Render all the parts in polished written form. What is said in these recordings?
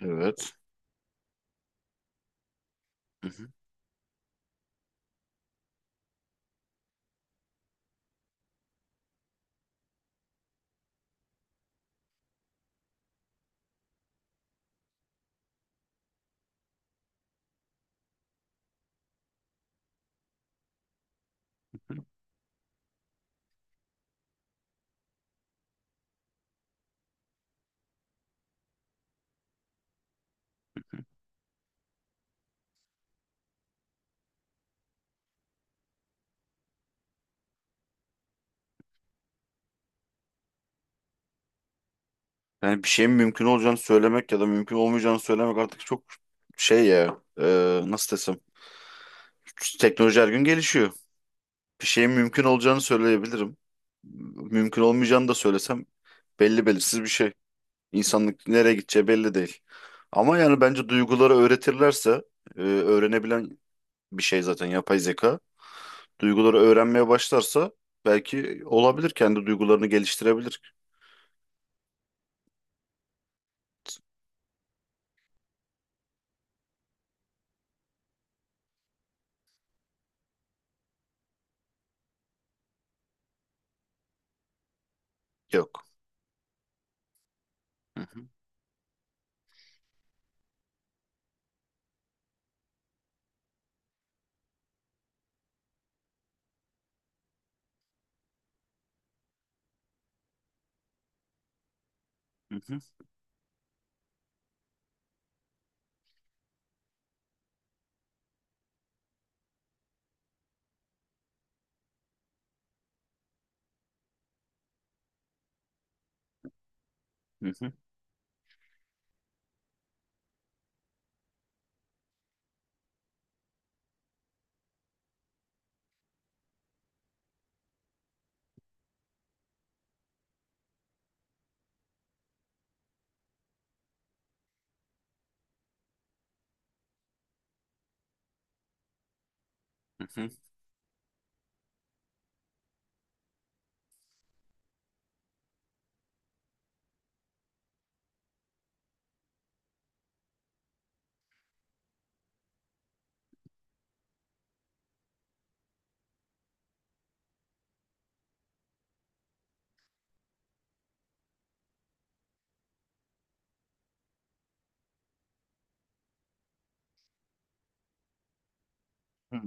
Evet. Hı hı. Yani bir şeyin mümkün olacağını söylemek ya da mümkün olmayacağını söylemek artık çok şey ya nasıl desem teknoloji her gün gelişiyor. Bir şeyin mümkün olacağını söyleyebilirim. Mümkün olmayacağını da söylesem belli belirsiz bir şey. İnsanlık nereye gideceği belli değil. Ama yani bence duyguları öğretirlerse öğrenebilen bir şey zaten yapay zeka. Duyguları öğrenmeye başlarsa belki olabilir kendi duygularını geliştirebilir. Yok. Hı hı. Hı hı. Hı hı. Hı hı. Hı.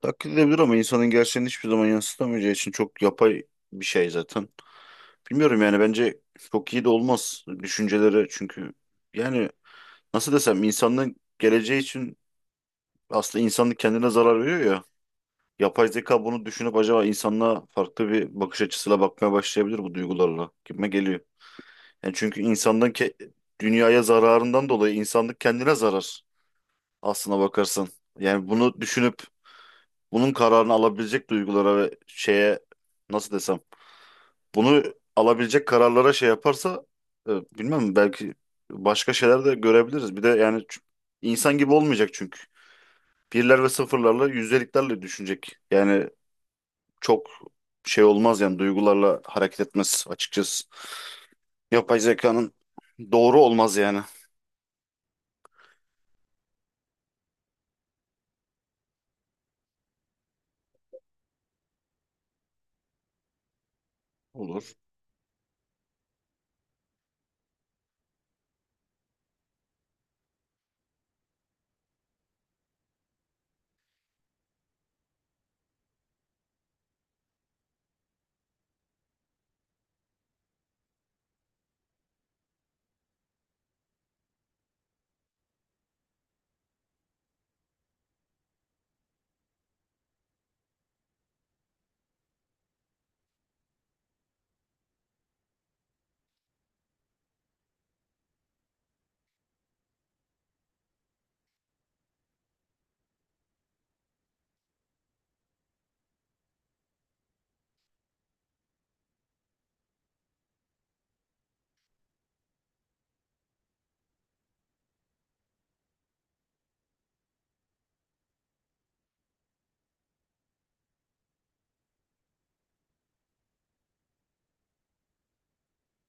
Taklit edilebilir ama insanın gerçeğini hiçbir zaman yansıtamayacağı için çok yapay bir şey zaten. Bilmiyorum yani bence çok iyi de olmaz düşünceleri çünkü yani nasıl desem insanlığın geleceği için aslında insanlık kendine zarar veriyor ya. Yapay zeka bunu düşünüp acaba insanlığa farklı bir bakış açısıyla bakmaya başlayabilir bu duygularla gibime geliyor. Yani çünkü dünyaya zararından dolayı insanlık kendine zarar aslına bakarsan. Yani bunu düşünüp bunun kararını alabilecek duygulara ve şeye nasıl desem bunu alabilecek kararlara şey yaparsa e, bilmem belki başka şeyler de görebiliriz. Bir de yani insan gibi olmayacak çünkü. Birler ve sıfırlarla yüzdeliklerle düşünecek. Yani çok şey olmaz yani duygularla hareket etmez açıkçası. Yapay zekanın doğru olmaz yani. Olur.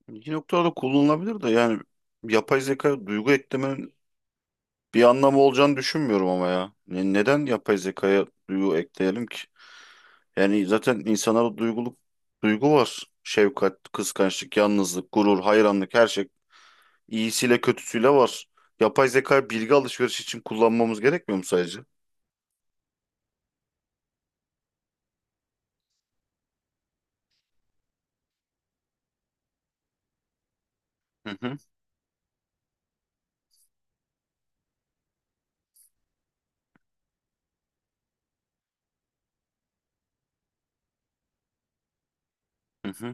Bir noktada kullanılabilir de yani yapay zeka duygu eklemenin bir anlamı olacağını düşünmüyorum ama ya. Neden yapay zekaya duygu ekleyelim ki? Yani zaten insanlara duyguluk duygu var. Şefkat, kıskançlık, yalnızlık, gurur, hayranlık her şey iyisiyle kötüsüyle var. Yapay zekayı bilgi alışverişi için kullanmamız gerekmiyor mu sadece? Hı hı, hı hı,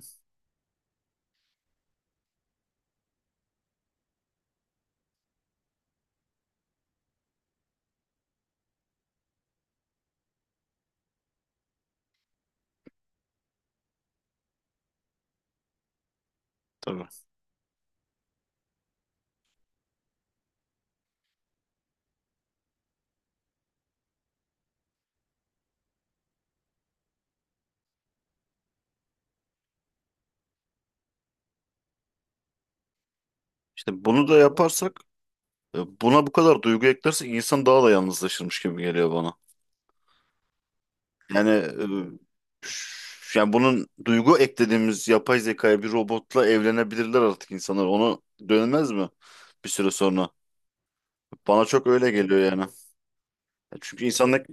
tabii. İşte bunu da yaparsak, buna bu kadar duygu eklersek insan daha da yalnızlaşırmış gibi geliyor bana. Yani yani bunun duygu eklediğimiz yapay zekaya bir robotla evlenebilirler artık insanlar. Onu dönmez mi bir süre sonra? Bana çok öyle geliyor yani. Çünkü insanlık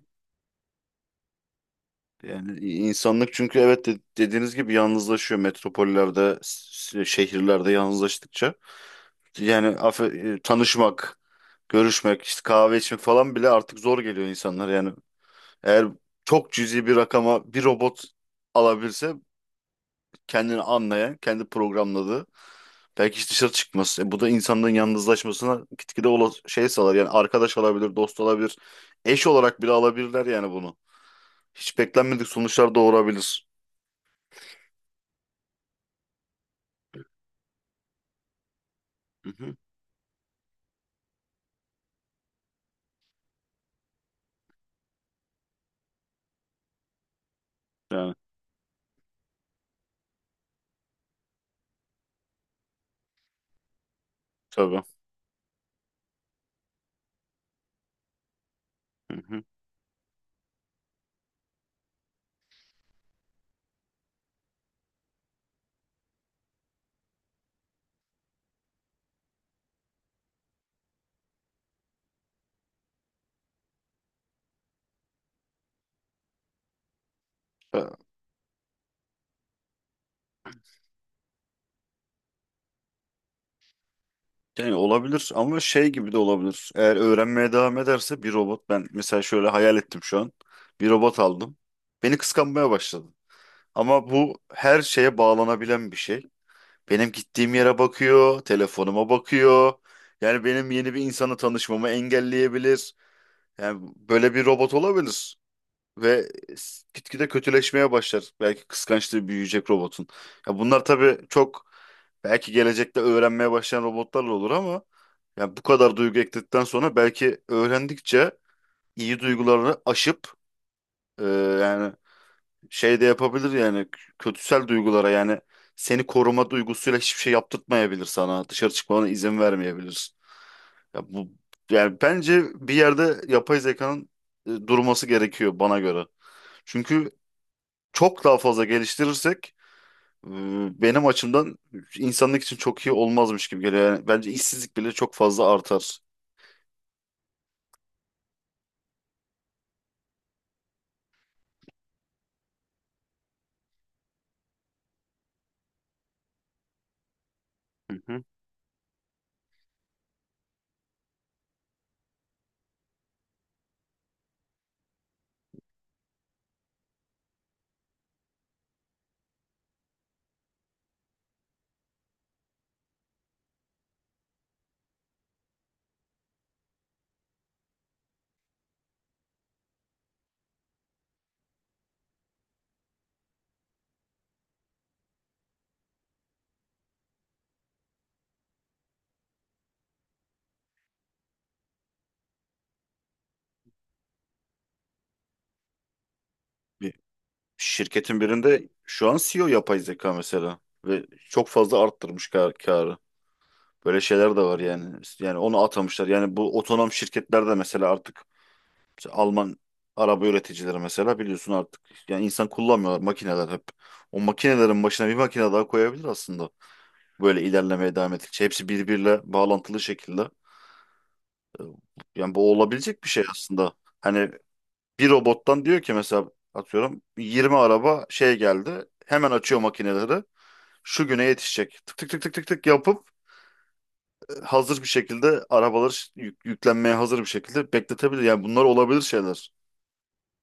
yani insanlık çünkü evet dediğiniz gibi yalnızlaşıyor metropollerde, şehirlerde yalnızlaştıkça. Yani tanışmak, görüşmek, işte kahve içmek falan bile artık zor geliyor insanlar. Yani eğer çok cüzi bir rakama bir robot alabilse kendini anlayan, kendi programladığı, belki hiç dışarı çıkmaz. E, bu da insanların yalnızlaşmasına gitgide ola şey sağlar. Yani arkadaş olabilir, dost olabilir, eş olarak bile alabilirler yani bunu. Hiç beklenmedik sonuçlar doğurabilir. Hı hı. Yani tabii. Hı hı. Ya, yani olabilir ama şey gibi de olabilir. Eğer öğrenmeye devam ederse bir robot ben mesela şöyle hayal ettim şu an. Bir robot aldım. Beni kıskanmaya başladı. Ama bu her şeye bağlanabilen bir şey. Benim gittiğim yere bakıyor, telefonuma bakıyor. Yani benim yeni bir insanla tanışmamı engelleyebilir. Yani böyle bir robot olabilir. Ve gitgide kötüleşmeye başlar. Belki kıskançlığı büyüyecek robotun. Ya bunlar tabii çok belki gelecekte öğrenmeye başlayan robotlarla olur ama yani bu kadar duygu ekledikten sonra belki öğrendikçe iyi duygularını aşıp yani şey de yapabilir yani kötüsel duygulara yani seni koruma duygusuyla hiçbir şey yaptırtmayabilir sana. Dışarı çıkmana izin vermeyebilir. Ya bu yani bence bir yerde yapay zekanın durması gerekiyor bana göre. Çünkü çok daha fazla geliştirirsek e, benim açımdan insanlık için çok iyi olmazmış gibi geliyor. Yani bence işsizlik bile çok fazla artar. Hı hı. Bir şirketin birinde şu an CEO yapay zeka mesela ve çok fazla arttırmış kar karı. Böyle şeyler de var yani. Yani onu atamışlar. Yani bu otonom şirketler de mesela artık mesela Alman araba üreticileri mesela biliyorsun artık yani insan kullanmıyorlar makineler hep. O makinelerin başına bir makine daha koyabilir aslında. Böyle ilerlemeye devam ettikçe hepsi birbiriyle bağlantılı şekilde. Ee, Yani bu olabilecek bir şey aslında. Hani bir robottan diyor ki mesela atıyorum 20 araba şey geldi. Hemen açıyor makineleri. Şu güne yetişecek. Tık tık tık tık tık tık yapıp hazır bir şekilde arabaları yüklenmeye hazır bir şekilde bekletebilir. Yani bunlar olabilir şeyler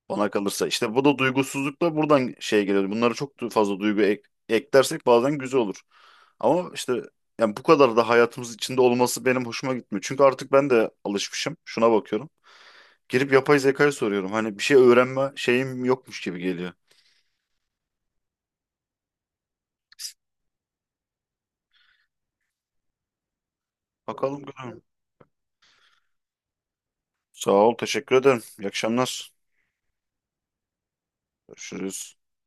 bana kalırsa. İşte bu da duygusuzluk da buradan şey geliyor. Bunlara çok fazla duygu eklersek bazen güzel olur. Ama işte yani bu kadar da hayatımız içinde olması benim hoşuma gitmiyor. Çünkü artık ben de alışmışım. Şuna bakıyorum. Girip yapay zekayı soruyorum. Hani bir şey öğrenme şeyim yokmuş gibi geliyor. Bakalım görelim. Sağ ol, teşekkür ederim. İyi akşamlar. Görüşürüz.